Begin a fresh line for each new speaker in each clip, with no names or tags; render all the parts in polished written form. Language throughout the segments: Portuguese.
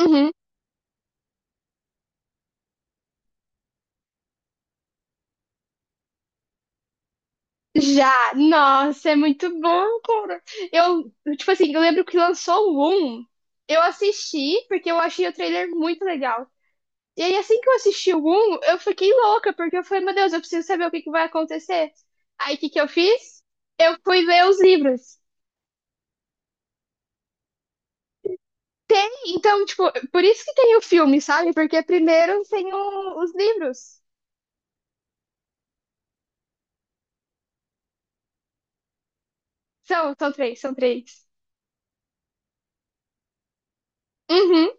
Uhum. Já, nossa, é muito bom, cara. Eu, tipo assim, eu lembro que lançou o 1, eu assisti porque eu achei o trailer muito legal. E aí, assim que eu assisti o 1, eu fiquei louca, porque eu falei, meu Deus, eu preciso saber o que que vai acontecer. Aí, o que que eu fiz? Eu fui ler os livros. Então, tipo, por isso que tem o filme, sabe? Porque primeiro tem os livros. São três, são três. Uhum.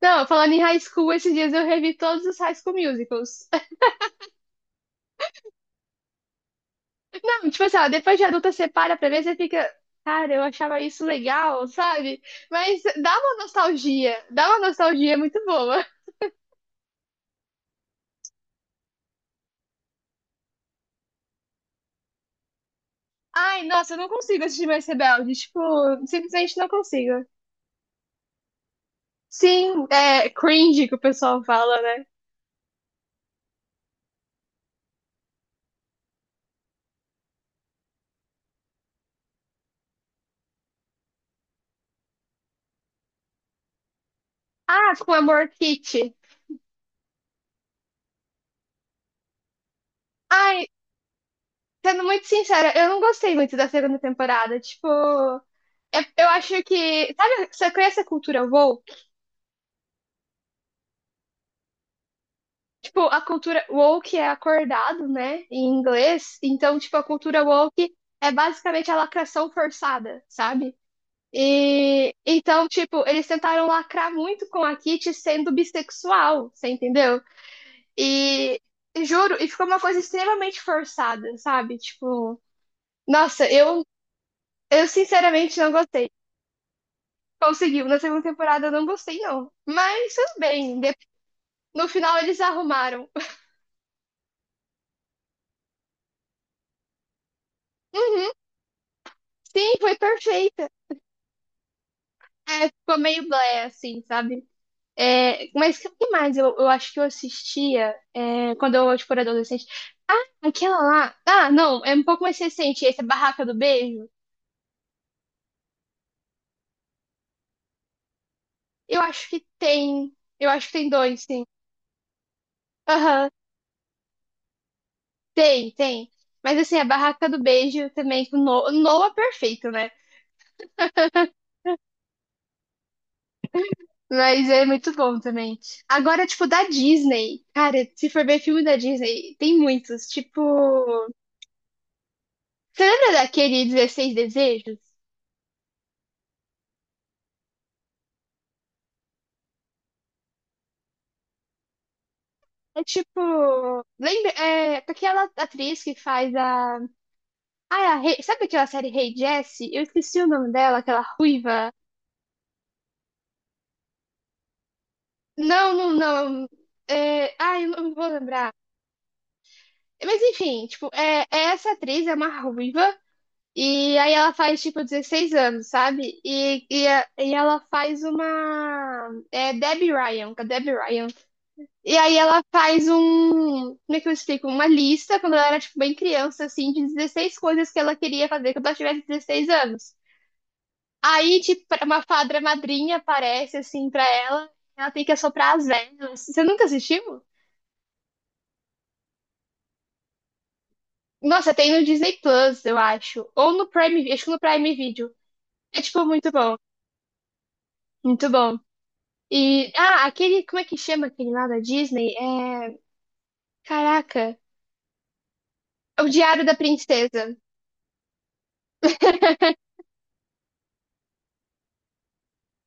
Não, falando em high school, esses dias eu revi todos os High School Musicals. Tipo assim, ó, depois de adulta você para pra ver, você fica, cara, eu achava isso legal, sabe? Mas dá uma nostalgia muito boa. Ai, nossa, eu não consigo assistir mais Rebelde, tipo, simplesmente não consigo. Sim, é cringe que o pessoal fala, né? Ah, com Amor Kit. Ai, sendo muito sincera, eu não gostei muito da segunda temporada, tipo, eu acho que, sabe, você conhece a cultura woke? Tipo, a cultura woke é acordado, né, em inglês. Então, tipo, a cultura woke é basicamente a lacração forçada, sabe? E então, tipo, eles tentaram lacrar muito com a Kitty sendo bissexual, você entendeu? E e juro, e ficou uma coisa extremamente forçada, sabe? Tipo, nossa, eu sinceramente não gostei. Conseguiu, na segunda temporada eu não gostei, não. Mas tudo bem, no final eles arrumaram. Uhum, sim, foi perfeita. É, ficou meio blé, assim, sabe? É, mas o que mais eu acho que eu assistia é, quando eu tipo, era adolescente? Ah, aquela lá. Ah, não, é um pouco mais recente, esse é Barraca do Beijo. Eu acho que tem. Eu acho que tem dois, sim. Aham, tem, tem. Mas assim, a Barraca do Beijo também, com no Noah é perfeito, né? Mas é muito bom também. Agora, tipo, da Disney. Cara, se for ver filme da Disney, tem muitos. Tipo. Você lembra daquele dezesseis Desejos? É tipo, lembra, é, aquela atriz que faz a, ah, é a sabe aquela série Rei Jessie? Eu esqueci o nome dela, aquela ruiva. Não, não, não. É, ah, eu não vou lembrar. Mas enfim, tipo, é, é essa atriz é uma ruiva e aí ela faz tipo 16 anos, sabe? E, e ela faz uma é Debbie Ryan, com a Debbie Ryan. E aí ela faz um, como é que eu explico? Uma lista, quando ela era, tipo, bem criança, assim, de 16 coisas que ela queria fazer quando ela tivesse 16 anos. Aí, tipo, uma fadra madrinha aparece, assim, pra ela, ela tem que assoprar as velas. Você nunca assistiu? Nossa, tem no Disney Plus, eu acho. Ou no Prime, acho que no Prime Video. É, tipo, muito bom, muito bom. E, ah, aquele, como é que chama aquele lá da Disney? É, caraca, é o Diário da Princesa.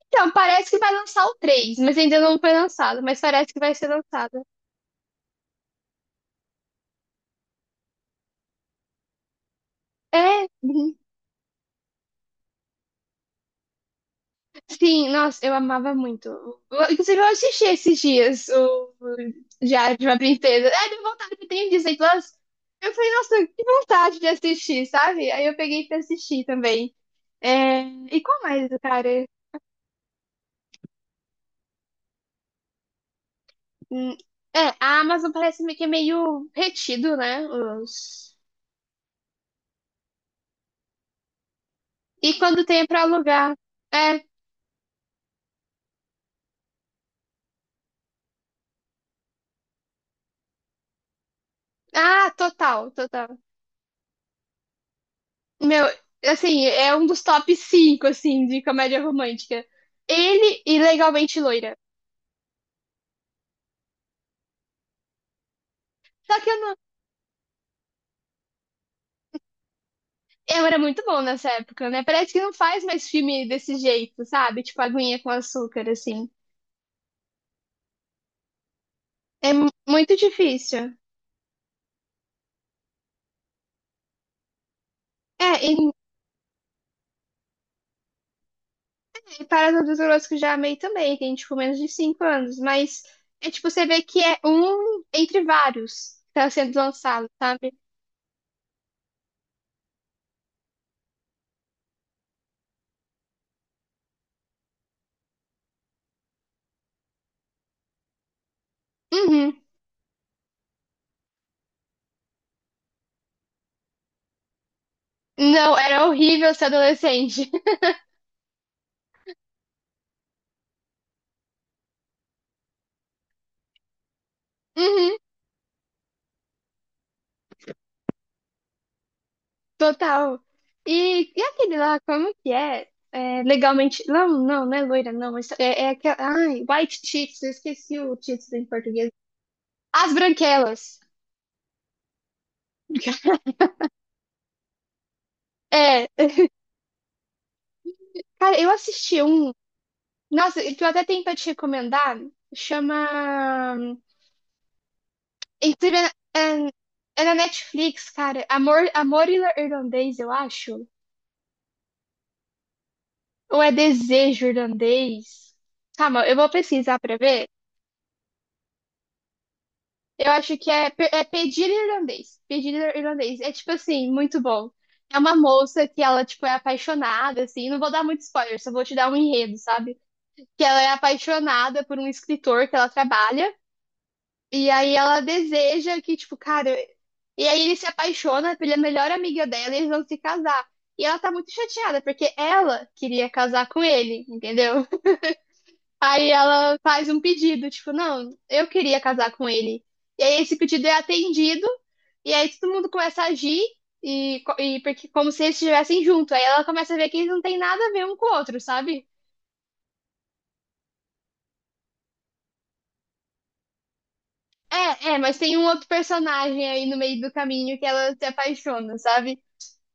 Então, parece que vai lançar o 3 mas ainda não foi lançado, mas parece que vai ser lançado. É, uhum. Sim, nossa, eu amava muito. Inclusive, eu assisti esses dias o Diário de uma Princesa. É, deu vontade, eu tenho Disney Plus. Eu falei, nossa, que vontade de assistir, sabe? Aí eu peguei pra assistir também. É, e qual mais, cara? Hum, É, a Amazon parece meio que é meio retido, né? Os... E quando tem é pra alugar. É, ah, total, total. Meu, assim, é um dos top 5 assim, de comédia romântica. Ele e Legalmente Loira. Só que eu não... Eu era muito bom nessa época, né? Parece que não faz mais filme desse jeito, sabe? Tipo, aguinha com açúcar, assim. É muito difícil. É, e Parada dos Horrores que eu já amei também. Tem, tipo, menos de 5 anos. Mas é, tipo, você vê que é um entre vários que tá sendo lançado, sabe? Uhum. Não, era horrível ser adolescente. Uhum. Total. E aquele lá, como que é? É, legalmente. Não, não, não é loira, não. Mas é, é aquela. Ai, White Chicks, eu esqueci o título em português. As Branquelas. É, cara, eu assisti um. Nossa, que eu até tenho pra te recomendar. Chama. Inclusive, é, é- é na Netflix, cara. Amor, Amor Irlandês, eu acho. Ou é Desejo Irlandês? Calma, eu vou pesquisar pra ver. Eu acho que é, é pedir irlandês. Pedir irlandês. É tipo assim, muito bom. É uma moça que ela, tipo, é apaixonada, assim. Não vou dar muito spoiler, só vou te dar um enredo, sabe? Que ela é apaixonada por um escritor que ela trabalha. E aí ela deseja que, tipo, cara. E aí ele se apaixona pela melhor amiga dela e eles vão se casar. E ela tá muito chateada, porque ela queria casar com ele, entendeu? Aí ela faz um pedido, tipo, não, eu queria casar com ele. E aí esse pedido é atendido, e aí todo mundo começa a agir, e, e porque, como se eles estivessem junto. Aí ela começa a ver que eles não têm nada a ver um com o outro, sabe? É, é, mas tem um outro personagem aí no meio do caminho que ela se apaixona, sabe?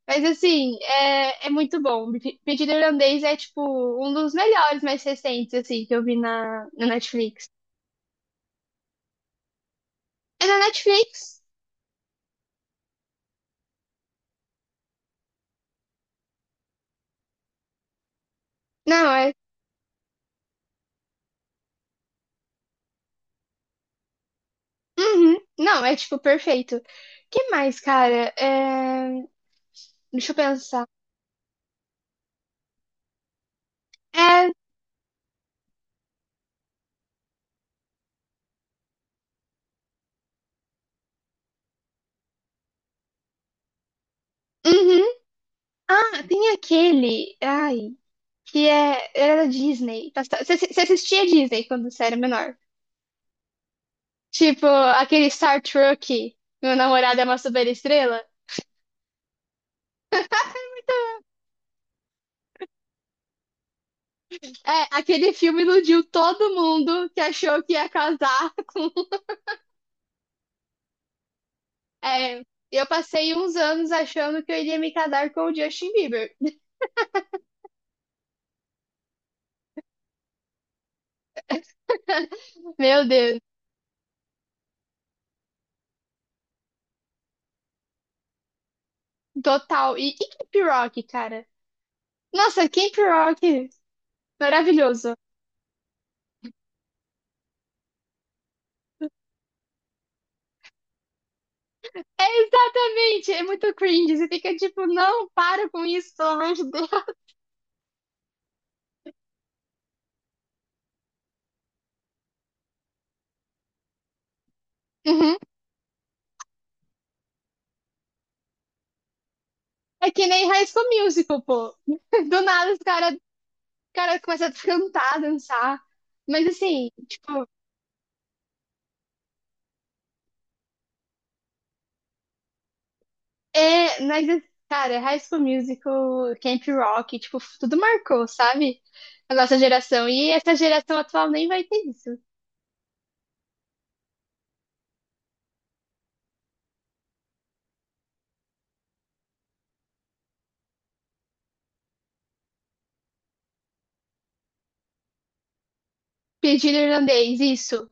Mas assim, é, é muito bom. Pedido Irlandês é, tipo, um dos melhores mais recentes, assim, que eu vi na, na Netflix. É na Netflix? Não, é uhum. Não, é tipo perfeito. Que mais, cara? É, deixa eu pensar. É. Uhum. Ah, tem aquele. Ai, que é. Era da Disney. Você assistia Disney quando você era menor? Tipo, aquele Star Trek. Meu namorado é uma superestrela. É, aquele filme iludiu todo mundo que achou que ia casar com. É, eu passei uns anos achando que eu iria me casar com o Justin Bieber. Meu Deus, total. E Cape Rock, cara? Nossa, Camp Rock, maravilhoso. É exatamente, é muito cringe. Você fica tipo, não, para com isso, pelo amor de Deus. Uhum. É que nem High School Musical, pô. Do nada os caras cara começam a cantar, dançar. Mas assim, tipo, é, mas, cara, High School Musical, Camp Rock, tipo, tudo marcou, sabe? A nossa geração. E essa geração atual nem vai ter isso. Pedido irlandês, isso.